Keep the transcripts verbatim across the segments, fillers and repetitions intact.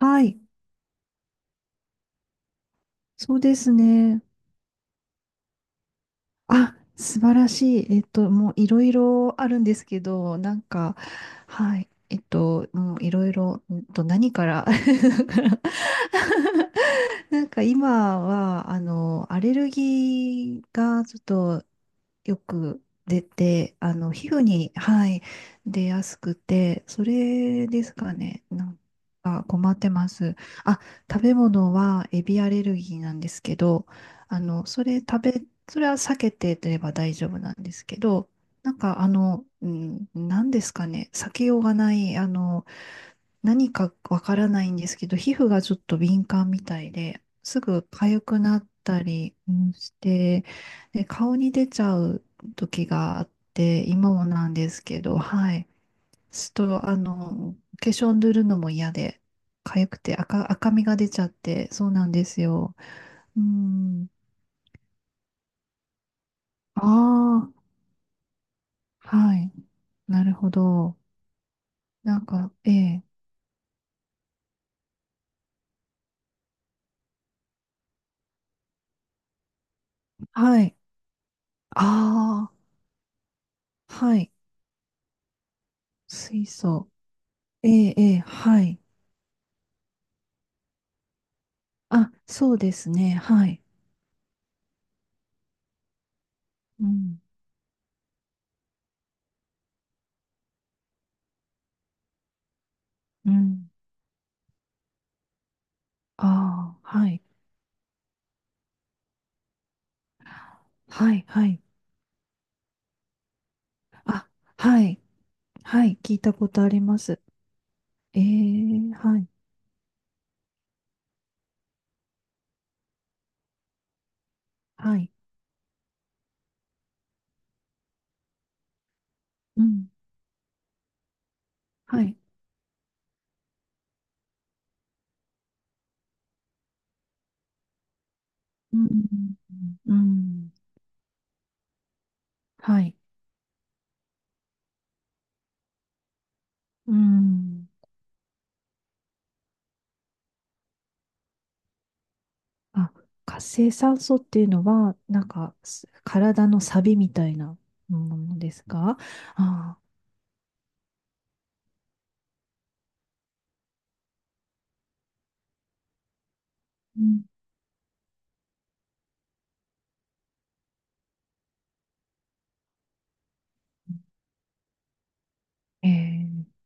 はい、そうですね。あ、素晴らしい。えっと、もういろいろあるんですけど、なんか、はい、えっと、もういろいろ、うんと、何から、だから なんか今は、あの、アレルギーがちょっとよく出て、あの、皮膚に、はい、出やすくて、それですかね。なんか困ってます。あ、食べ物はエビアレルギーなんですけど、あの、それ食べ、それは避けてれば大丈夫なんですけど、なんかあの、うん、なんですかね、避けようがない、あの、何かわからないんですけど、皮膚がちょっと敏感みたいで、すぐ痒くなったりうんして、で、顔に出ちゃう時があって、今もなんですけど、はい。ちょっと、あの、化粧塗るのも嫌で、痒くて赤、赤みが出ちゃって、そうなんですよ。うん。ああ、はい。なるほど。なんか、ええ、はい。ああ、はい。水素。ええ、ええ、はい。あ、そうですね。はい。うん。うん。ああ、はい。はい、はい。あ、はい。はい。聞いたことあります。ええ、はい。はい。うん。はい。うん。うん。はい。うん。あ、活性酸素っていうのは、なんか、す体のサビみたいなものですか？ああー。うん。ええ。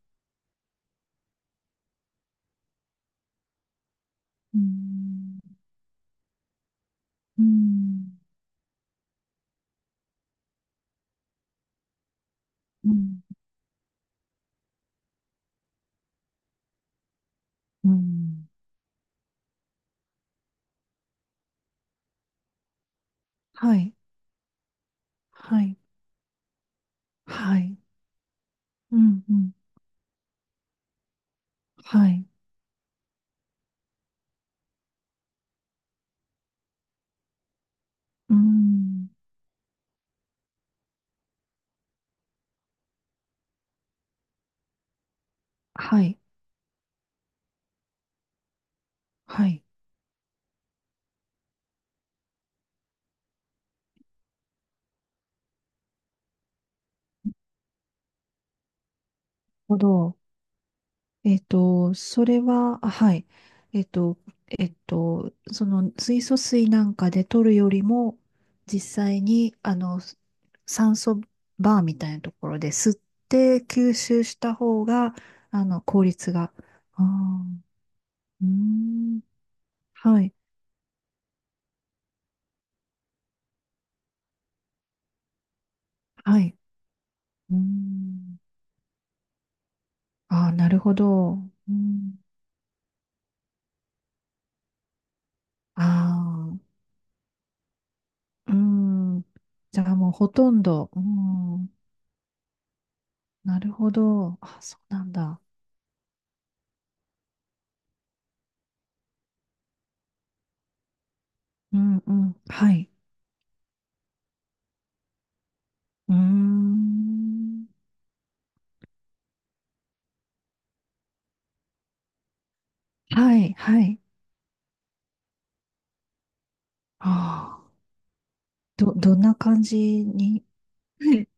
うん。うん。うん。うん。はい。はい。はい。うん、うん。はい。うん。はい。はい。なるほど。えっと、それは、あはい。えっと、えっと、その水素水なんかで取るよりも、実際に、あの、酸素バーみたいなところで吸って吸収した方が、あの、効率が。ああ、うーん。はい。はい。うーん。ああ、なるほど。うん。ああ。うーん。じゃあもうほとんど。うーん。なるほど。あ、そうなんだ。うんうん。はい。うーん。はい、はい。ああ。ど、どんな感じに？はい。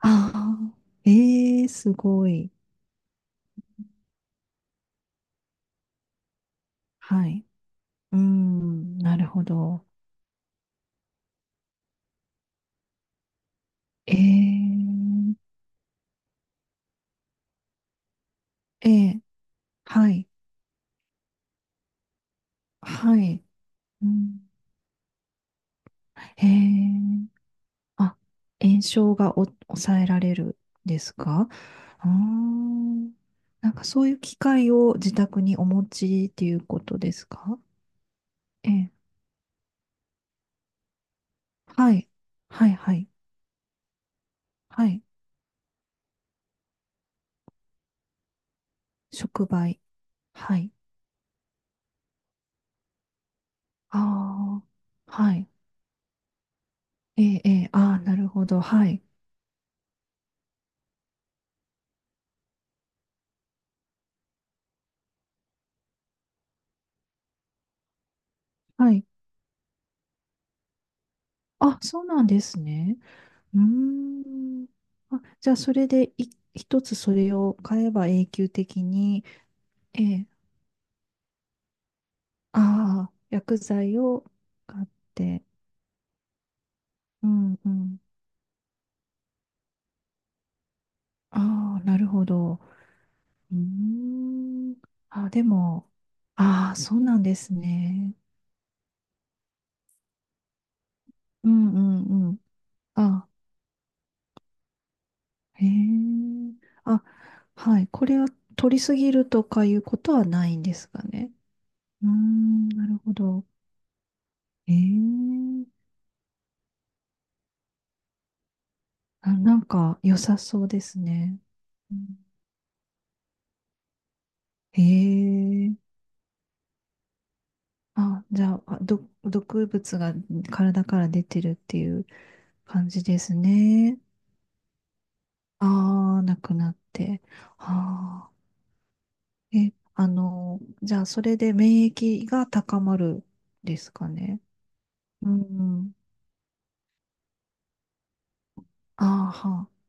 ああ。ええ、すごい。はい。うーん。なるほど。ええ、ええ、はい。はい。うん。ええ、あ、炎症がお抑えられるんですか？あー、なんかそういう機械を自宅にお持ちっていうことですか？ええ。はい。はい、はい。はい。触媒。はい。ああ。はい。ええ、ええ。ああ、なるほど。はい。はい。あ、そうなんですね。うーん。あ、じゃあ、それでい一つそれを買えば永久的に、ええ、ああ、薬剤を買って。うんうん。ああ、なるほど。うーん。あ、でも、ああ、そうなんですね。うんうんうん。あ、へえ。あ、はい。これは取りすぎるとかいうことはないんですかね。うーん、なるほど。ええ。あ、なんか良さそうですね。うん、へえ。あ、じゃあ、あど、毒物が体から出てるっていう感じですね。ああ、なくなって。ああ、え、あの、じゃあ、それで免疫が高まるですかね。うん。ああ、はあ。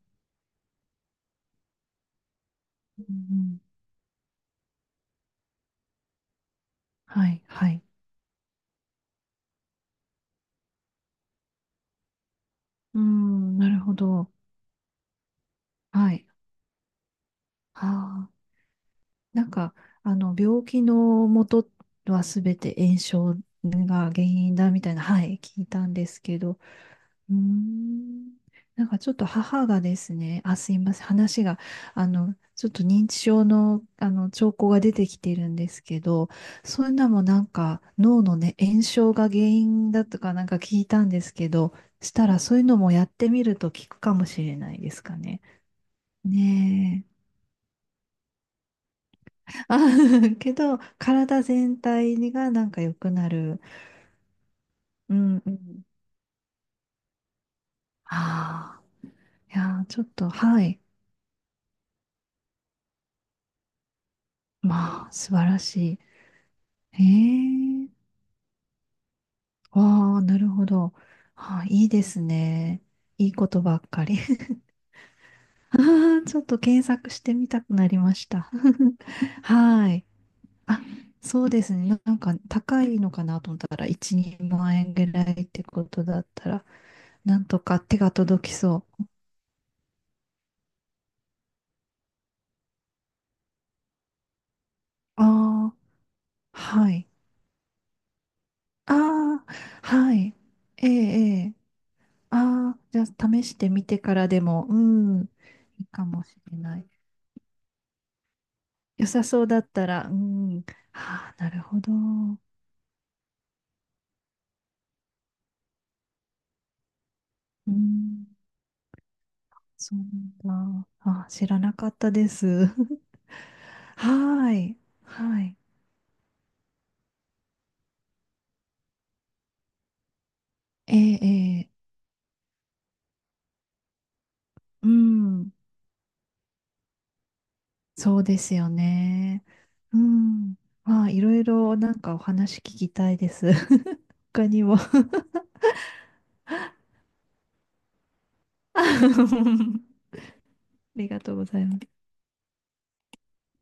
うんうん、はい、はい。うん、なるほど。はい。ああ、なんか、あの、病気の元はすべて炎症が原因だみたいな、はい、聞いたんですけど、うーん、なんかちょっと母がですね、あ、すいません、話が、あの、ちょっと認知症の、あの、兆候が出てきてるんですけど、そういうのもなんか脳のね、炎症が原因だとかなんか聞いたんですけど、したらそういうのもやってみると効くかもしれないですかね。ねえ。あ、けど、体全体がなんか良くなる。うんうん。ああ、いやー、ちょっと、はい。まあ、素晴らしい。へえ。ああ、なるほど。あー、いいですね。いいことばっかり。ああ、ちょっと検索してみたくなりました。はい。あ、そうですね。ななんか高いのかなと思ったら、いち、にまん円ぐらいってことだったら、なんとか手が届きそう。ああ、はい。ああ、はい。ええ、ええ。ああ、じゃあ試してみてからでも、うん、いいかもしれない。良さそうだったら、うん。はあ、なるほど。うん。そうなんだ。あ、知らなかったです。はーい。はい。ええ、ええ、うん。そうですよね。うん。まあ、いろいろなんかお話聞きたいです。他にも。ありがとうございます。